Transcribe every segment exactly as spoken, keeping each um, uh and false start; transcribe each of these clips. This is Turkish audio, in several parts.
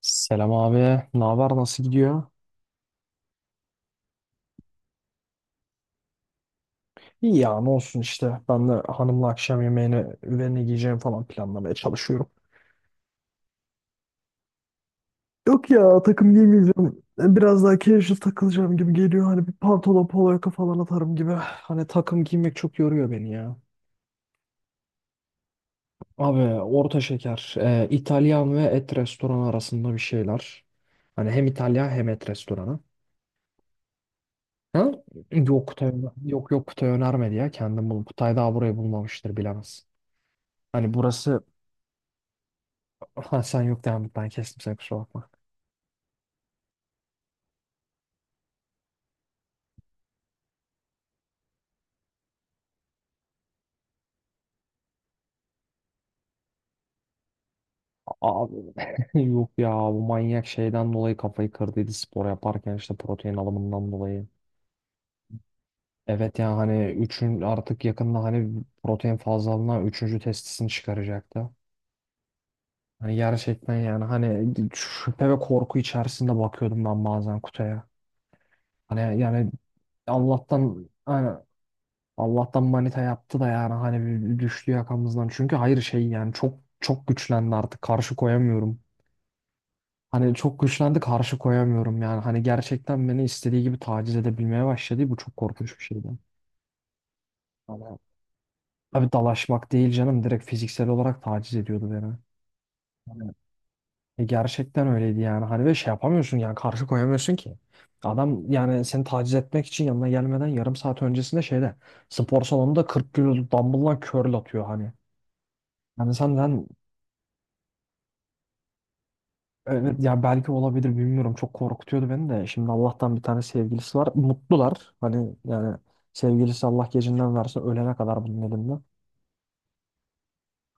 Selam abi. Ne haber? Nasıl gidiyor? İyi ya ne olsun işte. Ben de hanımla akşam yemeğini ve ne giyeceğim falan planlamaya çalışıyorum. Yok ya takım giymeyeceğim. Biraz daha casual takılacağım gibi geliyor. Hani bir pantolon polo yaka falan atarım gibi. Hani takım giymek çok yoruyor beni ya. Abi orta şeker. e, İtalyan ve et restoranı arasında bir şeyler. Hani hem İtalyan hem et restoranı. Ha? Yok Kutay, yok yok Kutay önermedi ya. Kendim bulup Kutay daha burayı bulmamıştır, bilemez. Hani burası... Ha, sen yok devam et, ben kestim seni, kusura bakma. Abi yok ya, bu manyak şeyden dolayı kafayı kırdıydı spor yaparken işte, protein alımından dolayı. Evet yani, hani üçün artık yakında hani protein fazlalığına üçüncü testisini çıkaracaktı. Hani gerçekten yani, hani şüphe ve korku içerisinde bakıyordum ben bazen kutuya. Hani yani Allah'tan hani, Allah'tan manita yaptı da yani hani bir düştü yakamızdan. Çünkü hayır şey yani, çok çok güçlendi artık, karşı koyamıyorum. Hani çok güçlendi, karşı koyamıyorum yani. Hani gerçekten beni istediği gibi taciz edebilmeye başladı. Bu çok korkunç bir şeydi. Hani, tabii dalaşmak değil canım. Direkt fiziksel olarak taciz ediyordu beni. Hani E gerçekten öyleydi yani. Hani ve şey yapamıyorsun yani, karşı koyamıyorsun ki. Adam yani seni taciz etmek için yanına gelmeden yarım saat öncesinde şeyde, spor salonunda kırk kilo dumbbell'la curl atıyor hani. Yani sen, sen Evet, ya belki olabilir bilmiyorum. Çok korkutuyordu beni de. Şimdi Allah'tan bir tane sevgilisi var. Mutlular. Hani yani sevgilisi, Allah gecinden verse, ölene kadar bunun elinde.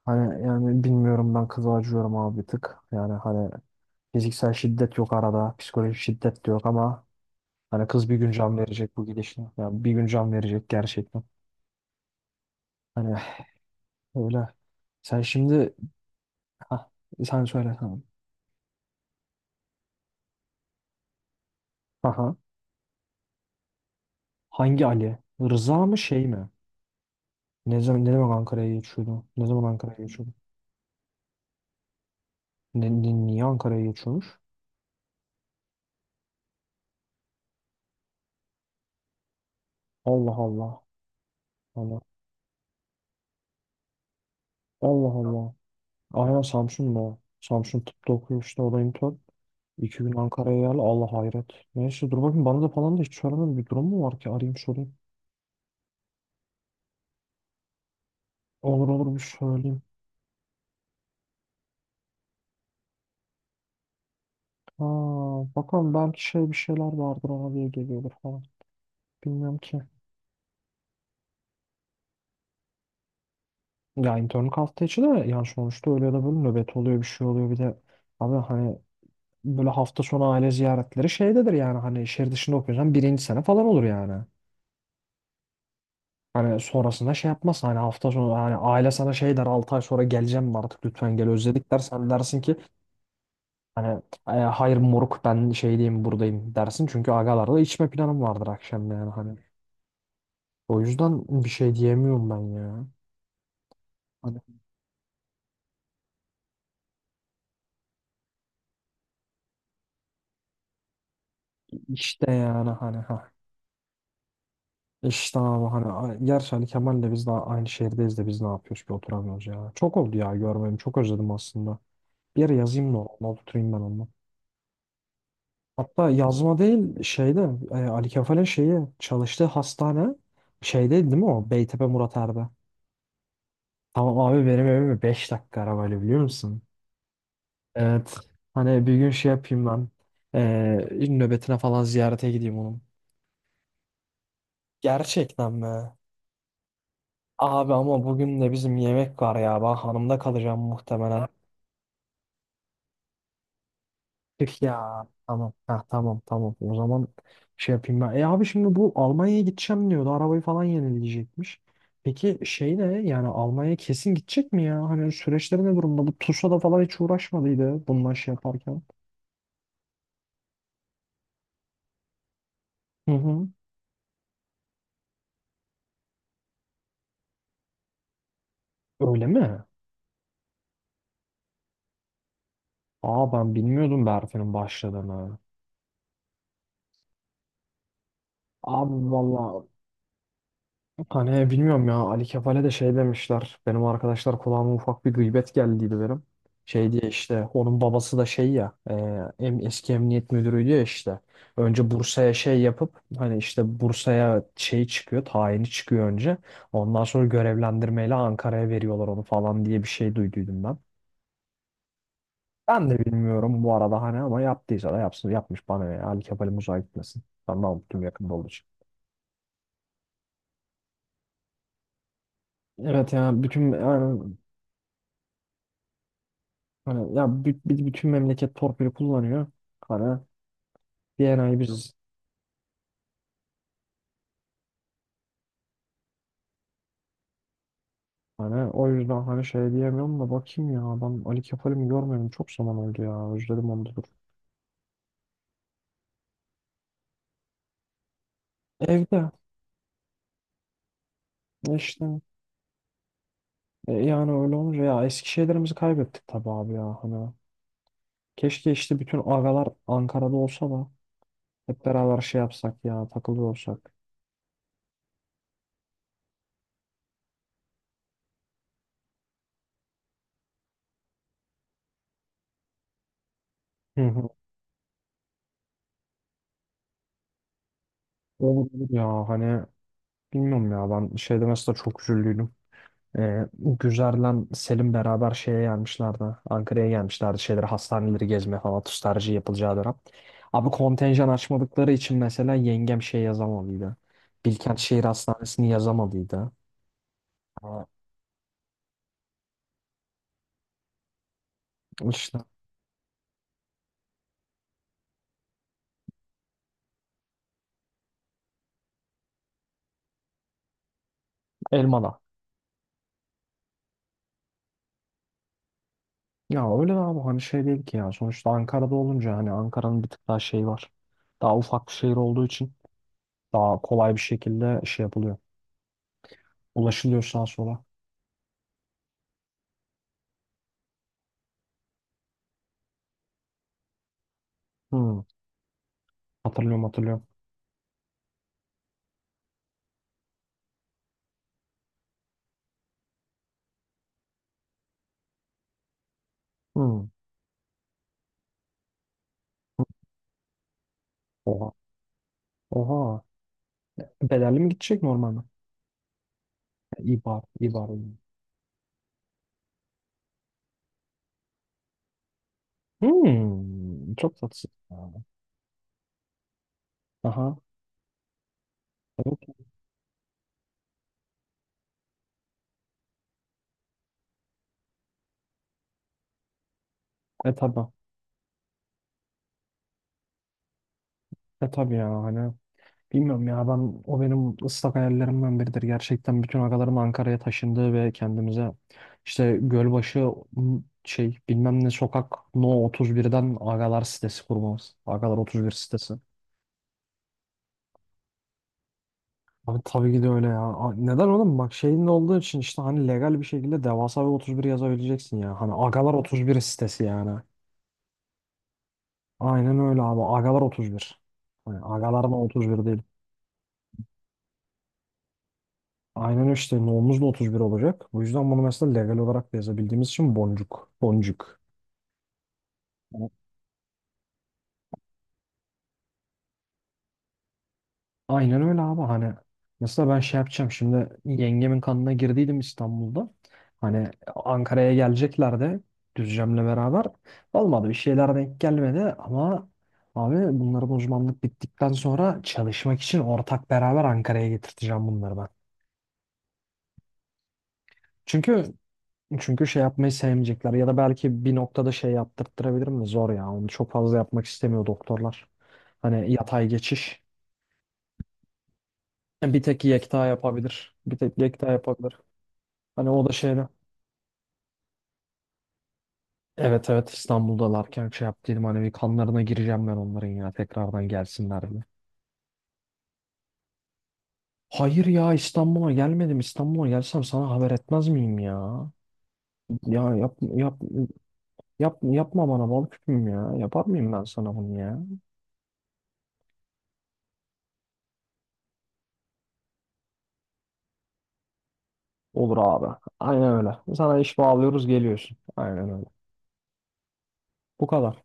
Hani yani bilmiyorum, ben kıza acıyorum abi bir tık. Yani hani fiziksel şiddet yok arada. Psikolojik şiddet de yok ama hani kız bir gün can verecek bu gidişle. Yani bir gün can verecek gerçekten. Hani öyle. Sen şimdi... Hah, sen söyle, tamam. Aha. Hangi Ali? Rıza mı, şey mi? Ne zaman ne zaman Ankara'ya geçiyordu? Ne zaman Ankara'ya geçiyordu? Ne, ni- niye Ankara'ya geçiyormuş? Allah Allah. Allah Allah. Allah. Aynen Samsun'da, o. Samsun tıpta okuyor işte, o da intern. İki gün Ankara'ya geldi. Allah hayret. Neyse dur bakayım, bana da falan da hiç söylemedi. Bir durum mu var ki, arayayım sorayım. Olur olur, bir söyleyeyim. Ha, bakalım belki şey, bir şeyler vardır ona diye geliyordur falan. Bilmiyorum ki. Ya internlük hafta içi de yani, sonuçta öyle ya da böyle nöbet oluyor, bir şey oluyor, bir de abi hani böyle hafta sonu aile ziyaretleri şeydedir yani, hani şehir dışında okuyorsan birinci sene falan olur yani. Hani sonrasında şey yapmaz. Hani hafta sonu hani aile sana şey der, altı ay sonra geleceğim mi artık, lütfen gel özledik der. Sen dersin ki hani, "E, hayır moruk, ben şey diyeyim, buradayım" dersin. Çünkü agalarla içme planım vardır akşam, yani hani. O yüzden bir şey diyemiyorum ben ya. Hani işte yani, hani ha. İşte abi hani a- gerçi hani Kemal'le biz daha aynı şehirdeyiz de biz ne yapıyoruz ki, oturamıyoruz ya. Çok oldu ya görmeyim, çok özledim aslında. Bir yere yazayım da ona, oturayım ben onunla. Hatta yazma değil, şeyde e, Ali Kefal'in şeyi çalıştığı hastane şeyde değil mi o? Beytepe Murat Er'de. Tamam abi, benim evime beş dakika arabayla, biliyor musun? Evet. Hani bir gün şey yapayım ben. E, nöbetine falan ziyarete gideyim onun. Gerçekten mi? Abi ama bugün de bizim yemek var ya. Ben hanımda kalacağım muhtemelen. Tüh ya. Tamam. Ha, tamam tamam. O zaman şey yapayım ben. E abi şimdi bu Almanya'ya gideceğim diyordu. Arabayı falan yenileyecekmiş. Peki şey ne? Yani Almanya'ya kesin gidecek mi ya? Hani süreçleri ne durumda? Bu TUSA'da falan hiç uğraşmadıydı bununla, şey yaparken. Hı hı. Öyle mi? Aa, ben bilmiyordum Berfin'in başladığını. Abi valla, hani bilmiyorum ya, Ali Kefal'e de şey demişler. Benim arkadaşlar kulağıma ufak bir gıybet geldiydi benim. Şey diye işte, onun babası da şey ya, e, em- eski emniyet müdürüydü ya işte. Önce Bursa'ya şey yapıp hani, işte Bursa'ya şey çıkıyor, tayini çıkıyor önce. Ondan sonra görevlendirmeyle Ankara'ya veriyorlar onu falan diye bir şey duyduydum ben. Ben de bilmiyorum bu arada hani, ama yaptıysa da yapsın, yapmış bana ne? Ali Kefal'im uzağa gitmesin. Ben daha mutluyum, yakında olacak. Evet yani bütün yani... Hani ya bü- bir- bütün memleket torpili kullanıyor. Hani D N A'yı biz hani... O yüzden hani şey diyemiyorum da, bakayım ya, ben Ali Kefal'imi görmedim çok zaman oldu ya, özledim onu da, dur. Evde işte e, yani öyle olunca ya, eski şeylerimizi kaybettik tabii abi ya hani. Keşke işte bütün agalar Ankara'da olsa da hep beraber şey yapsak ya, takılıyor olsak. Hı hı. Olur olur ya hani, bilmiyorum ya ben, şeyde mesela çok üzüldüydüm. Ee, Güzer'le Selim beraber şeye gelmişlerdi. Ankara'ya gelmişlerdi. Şeyleri, hastaneleri gezmeye falan. Tutarcı yapılacağı dönem. Abi kontenjan açmadıkları için mesela yengem şey yazamadıydı. Bilkent Şehir Hastanesi'ni yazamadıydı. Ama İşte Elmalı. Ya öyle abi hani, şey değil ki ya. Sonuçta Ankara'da olunca hani Ankara'nın bir tık daha şey var. Daha ufak bir şehir olduğu için daha kolay bir şekilde şey yapılıyor. Ulaşılıyor sağa sola. Hmm. Hatırlıyorum hatırlıyorum. Hmm. Hmm. Oha. Oha. Bedelli mi gidecek, normal mi? Ha, İbar, İbar oyunu. Hmm, çok tatsız. Aha. Evet. E tabi. E tabi ya hani. Bilmiyorum ya, ben o benim ıslak hayallerimden biridir. Gerçekten bütün agalarım Ankara'ya taşındı ve kendimize işte Gölbaşı m, şey bilmem ne sokak No otuz birden agalar sitesi kurmamız. Agalar otuz bir sitesi. Abi tabii ki de öyle ya. A- Neden oğlum? Bak şeyin olduğu için işte hani legal bir şekilde devasa bir otuz bir yazabileceksin ya. Hani agalar otuz bir sitesi yani. Aynen öyle abi. Agalar otuz bir. Yani agalar da otuz bir değil. Aynen işte nohumuz da otuz bir olacak. Bu yüzden bunu mesela legal olarak da yazabildiğimiz için, boncuk. Boncuk. Aynen öyle abi hani, mesela ben şey yapacağım şimdi, yengemin kanına girdiydim İstanbul'da. Hani Ankara'ya gelecekler de Düzcem'le beraber. Olmadı, bir şeyler denk gelmedi ama abi bunların uzmanlık bittikten sonra çalışmak için, ortak beraber Ankara'ya getirteceğim bunları ben. Çünkü Çünkü şey yapmayı sevmeyecekler, ya da belki bir noktada şey yaptırttırabilirim de zor ya. Onu çok fazla yapmak istemiyor doktorlar. Hani yatay geçiş. e, Bir tek Yekta yapabilir. Bir tek Yekta yapabilir. Hani o da şeyle. Evet evet, İstanbul'dalarken şey yaptıydım hani, bir kanlarına gireceğim ben onların ya, tekrardan gelsinler diye. Hayır ya, İstanbul'a gelmedim. İstanbul'a gelsem sana haber etmez miyim ya? Ya yap, yap, yap, yapma bana bal küpüm ya. Yapar mıyım ben sana bunu ya? Olur abi. Aynen öyle. Sana iş bağlıyoruz, geliyorsun. Aynen öyle. Bu kadar.